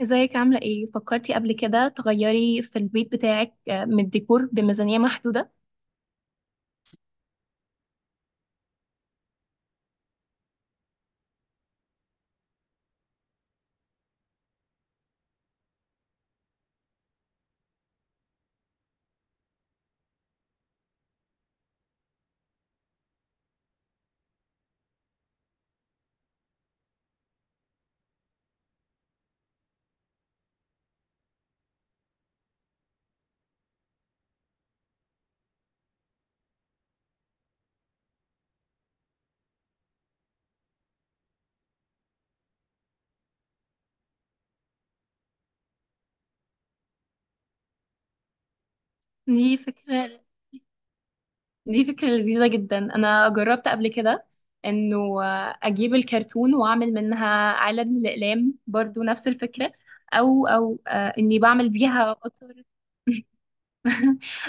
ازيك عاملة ايه؟ فكرتي قبل كده تغيري في البيت بتاعك من الديكور بميزانية محدودة؟ دي فكرة دي فكرة لذيذة جدا. انا جربت قبل كده انه اجيب الكرتون واعمل منها علب للأقلام، برضو نفس الفكرة. او اني بعمل بيها قطر.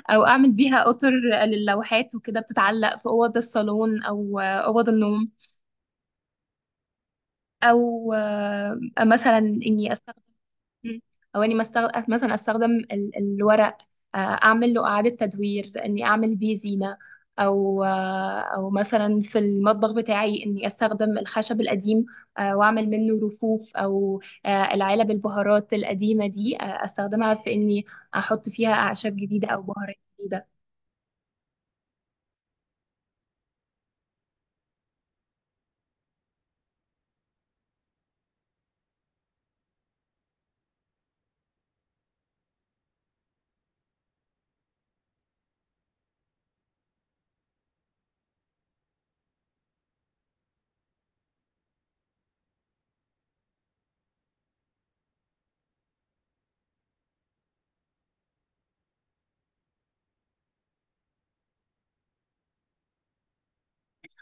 او اعمل بيها قطر للوحات وكده بتتعلق في اوض الصالون او اوض النوم، او مثلا اني استخدم. مم. او اني مثلا استخدم الورق، اعمل له اعاده تدوير، اني اعمل بيه زينه، او مثلا في المطبخ بتاعي اني استخدم الخشب القديم، واعمل منه رفوف، او العلب البهارات القديمه دي استخدمها في اني احط فيها اعشاب جديده او بهارات جديده.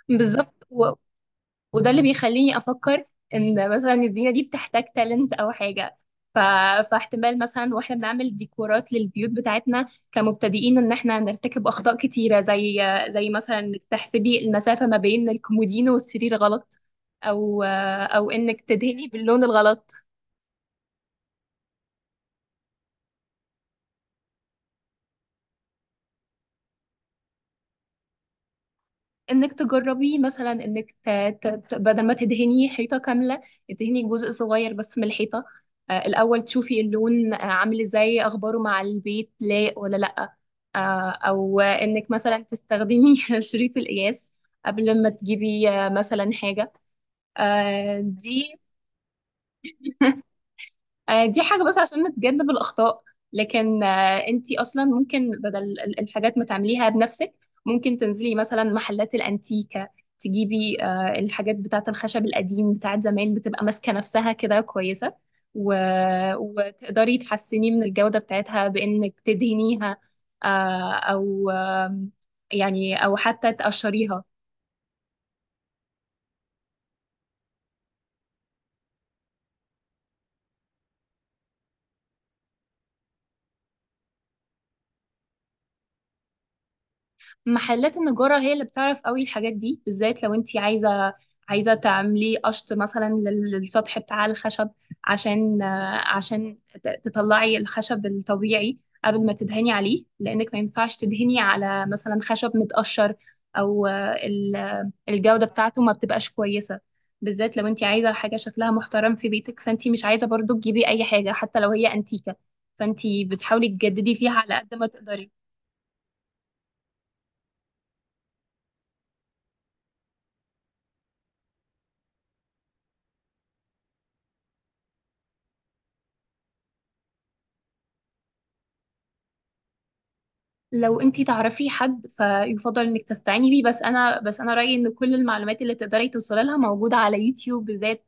بالظبط. وده اللي بيخليني افكر ان مثلا الزينه دي بتحتاج تالنت او حاجه. ف... فاحتمال مثلا واحنا بنعمل ديكورات للبيوت بتاعتنا كمبتدئين ان احنا نرتكب اخطاء كتيره، زي مثلا انك تحسبي المسافه ما بين الكومودينو والسرير غلط، او انك تدهني باللون الغلط. انك تجربي مثلا انك بدل ما تدهني حيطه كامله، تدهني جزء صغير بس من الحيطه، الاول تشوفي اللون عامل ازاي اخباره مع البيت، لايق ولا لا. او انك مثلا تستخدمي شريط القياس قبل ما تجيبي مثلا حاجة. دي دي حاجة بس عشان نتجنب الأخطاء. لكن انتي أصلا ممكن، بدل الحاجات ما تعمليها بنفسك، ممكن تنزلي مثلا محلات الأنتيكة، تجيبي الحاجات بتاعة الخشب القديم بتاعة زمان، بتبقى ماسكة نفسها كده كويسة. و... وتقدري تحسني من الجودة بتاعتها بإنك تدهنيها، أو يعني أو حتى تقشريها. محلات النجارة هي اللي بتعرف قوي الحاجات دي، بالذات لو انتي عايزة تعملي قشط مثلا للسطح بتاع الخشب، عشان تطلعي الخشب الطبيعي قبل ما تدهني عليه، لأنك ما ينفعش تدهني على مثلا خشب متقشر، أو الجودة بتاعته ما بتبقاش كويسة، بالذات لو انتي عايزة حاجة شكلها محترم في بيتك، فانتي مش عايزة برضو تجيبي أي حاجة حتى لو هي أنتيكة، فانتي بتحاولي تجددي فيها على قد ما تقدري. لو انتي تعرفي حد فيفضل انك تستعيني بيه، بس انا رأيي ان كل المعلومات اللي تقدري توصلي لها موجودة على يوتيوب، بالذات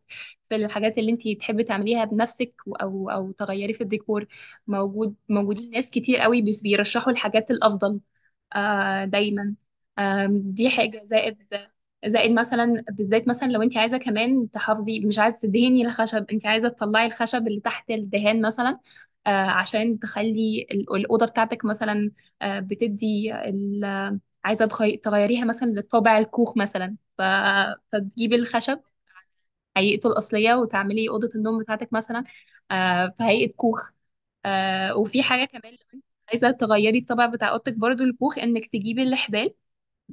في الحاجات اللي انتي تحبي تعمليها بنفسك، او تغيري في الديكور. موجودين ناس كتير قوي بس بيرشحوا الحاجات الافضل دايما. دي حاجة زائد. مثلا بالذات، مثلا لو انت عايزه كمان تحافظي، مش عايزه تدهني الخشب، انت عايزه تطلعي الخشب اللي تحت الدهان مثلا، عشان تخلي الاوضه بتاعتك مثلا، آه، بتدي ال... عايزة تغيريها مثلا لطابع الكوخ مثلا. فتجيبي الخشب هيئته الأصلية، وتعملي أوضة النوم بتاعتك مثلا في هيئة كوخ. وفي حاجة كمان، لو انت عايزة تغيري الطابع بتاع أوضتك برضو الكوخ، إنك تجيبي الحبال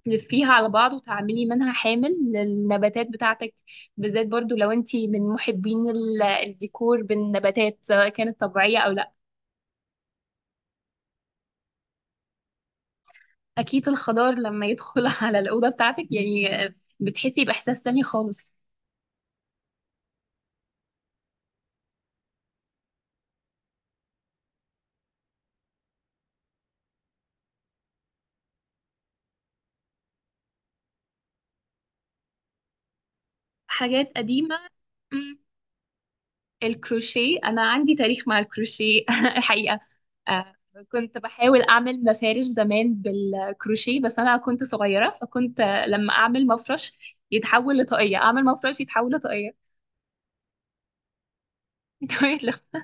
تلفيها على بعض، وتعملي منها حامل للنباتات بتاعتك، بالذات برضو لو انت من محبين الديكور بالنباتات سواء كانت طبيعية أو لا. اكيد الخضار لما يدخل على الاوضه بتاعتك يعني بتحسي باحساس تاني خالص. حاجات قديمه. مم، الكروشيه، انا عندي تاريخ مع الكروشيه الحقيقه. آه، كنت بحاول اعمل مفارش زمان بالكروشيه، بس انا كنت صغيره فكنت لما اعمل مفرش يتحول لطاقيه، اعمل مفرش يتحول لطاقيه.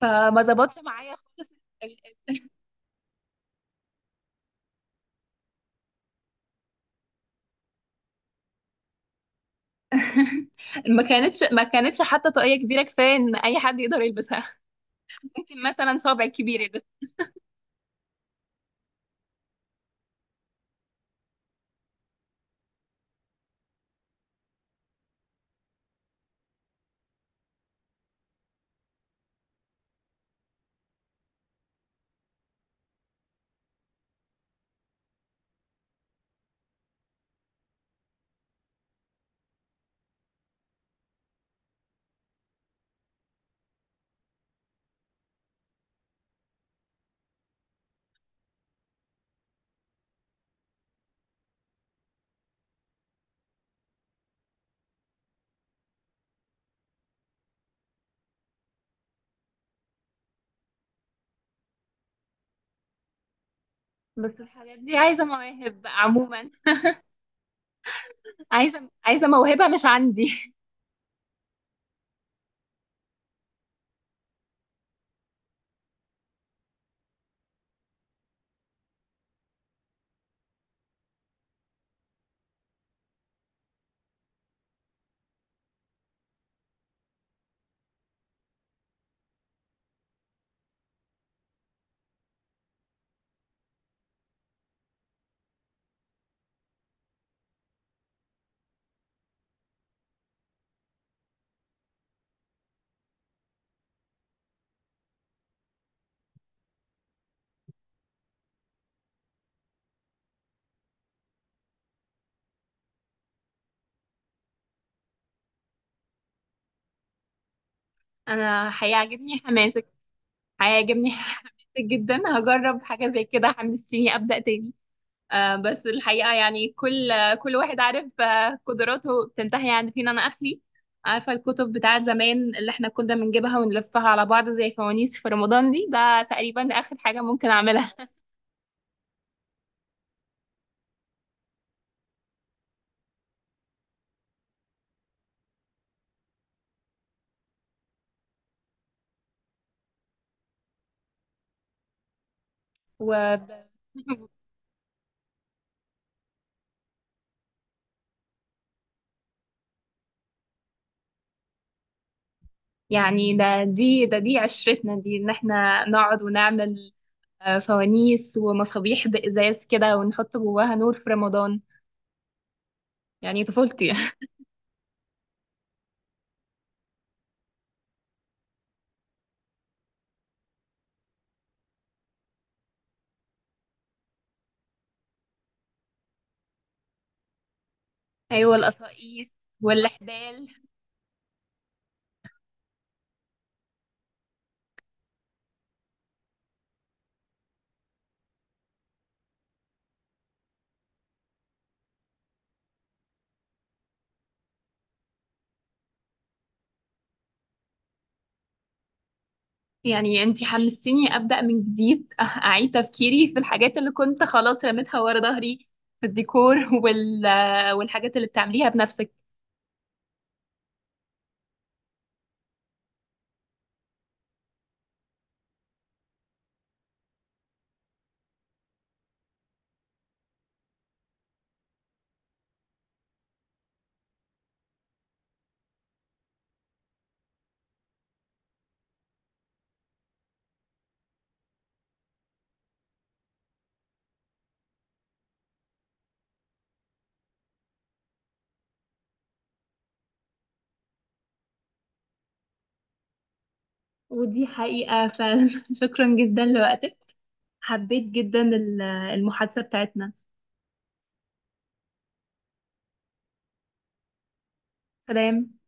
فما ظبطش معايا خالص. ال- ال- ما كانتش حتى طاقيه كبيره كفايه ان اي حد يقدر يلبسها. ممكن مثلا صابع كبير. بس الحاجات دي عايزة مواهب عموما. عايزة موهبة مش عندي. أنا هيعجبني حماسك، هيعجبني حماسك جدا. هجرب حاجة زي كده، حمستيني أبدأ تاني. بس الحقيقة يعني كل واحد عارف قدراته بتنتهي عند فين. أنا آخري، عارفة الكتب بتاعت زمان اللي احنا كنا بنجيبها ونلفها على بعض زي فوانيس في رمضان دي، ده تقريبا آخر حاجة ممكن أعملها. و يعني، ده دي ده دي عشرتنا دي ان احنا نقعد ونعمل فوانيس ومصابيح بإزاز كده، ونحط جواها نور في رمضان. يعني طفولتي. أيوة القصائص والحبال. يعني أنتي حمستيني أبدأ من جديد، أعيد تفكيري في الحاجات اللي كنت خلاص رميتها ورا ظهري في الديكور والحاجات اللي بتعمليها بنفسك. ودي حقيقة فعلا. شكرا جدا لوقتك، حبيت جدا المحادثة بتاعتنا. سلام.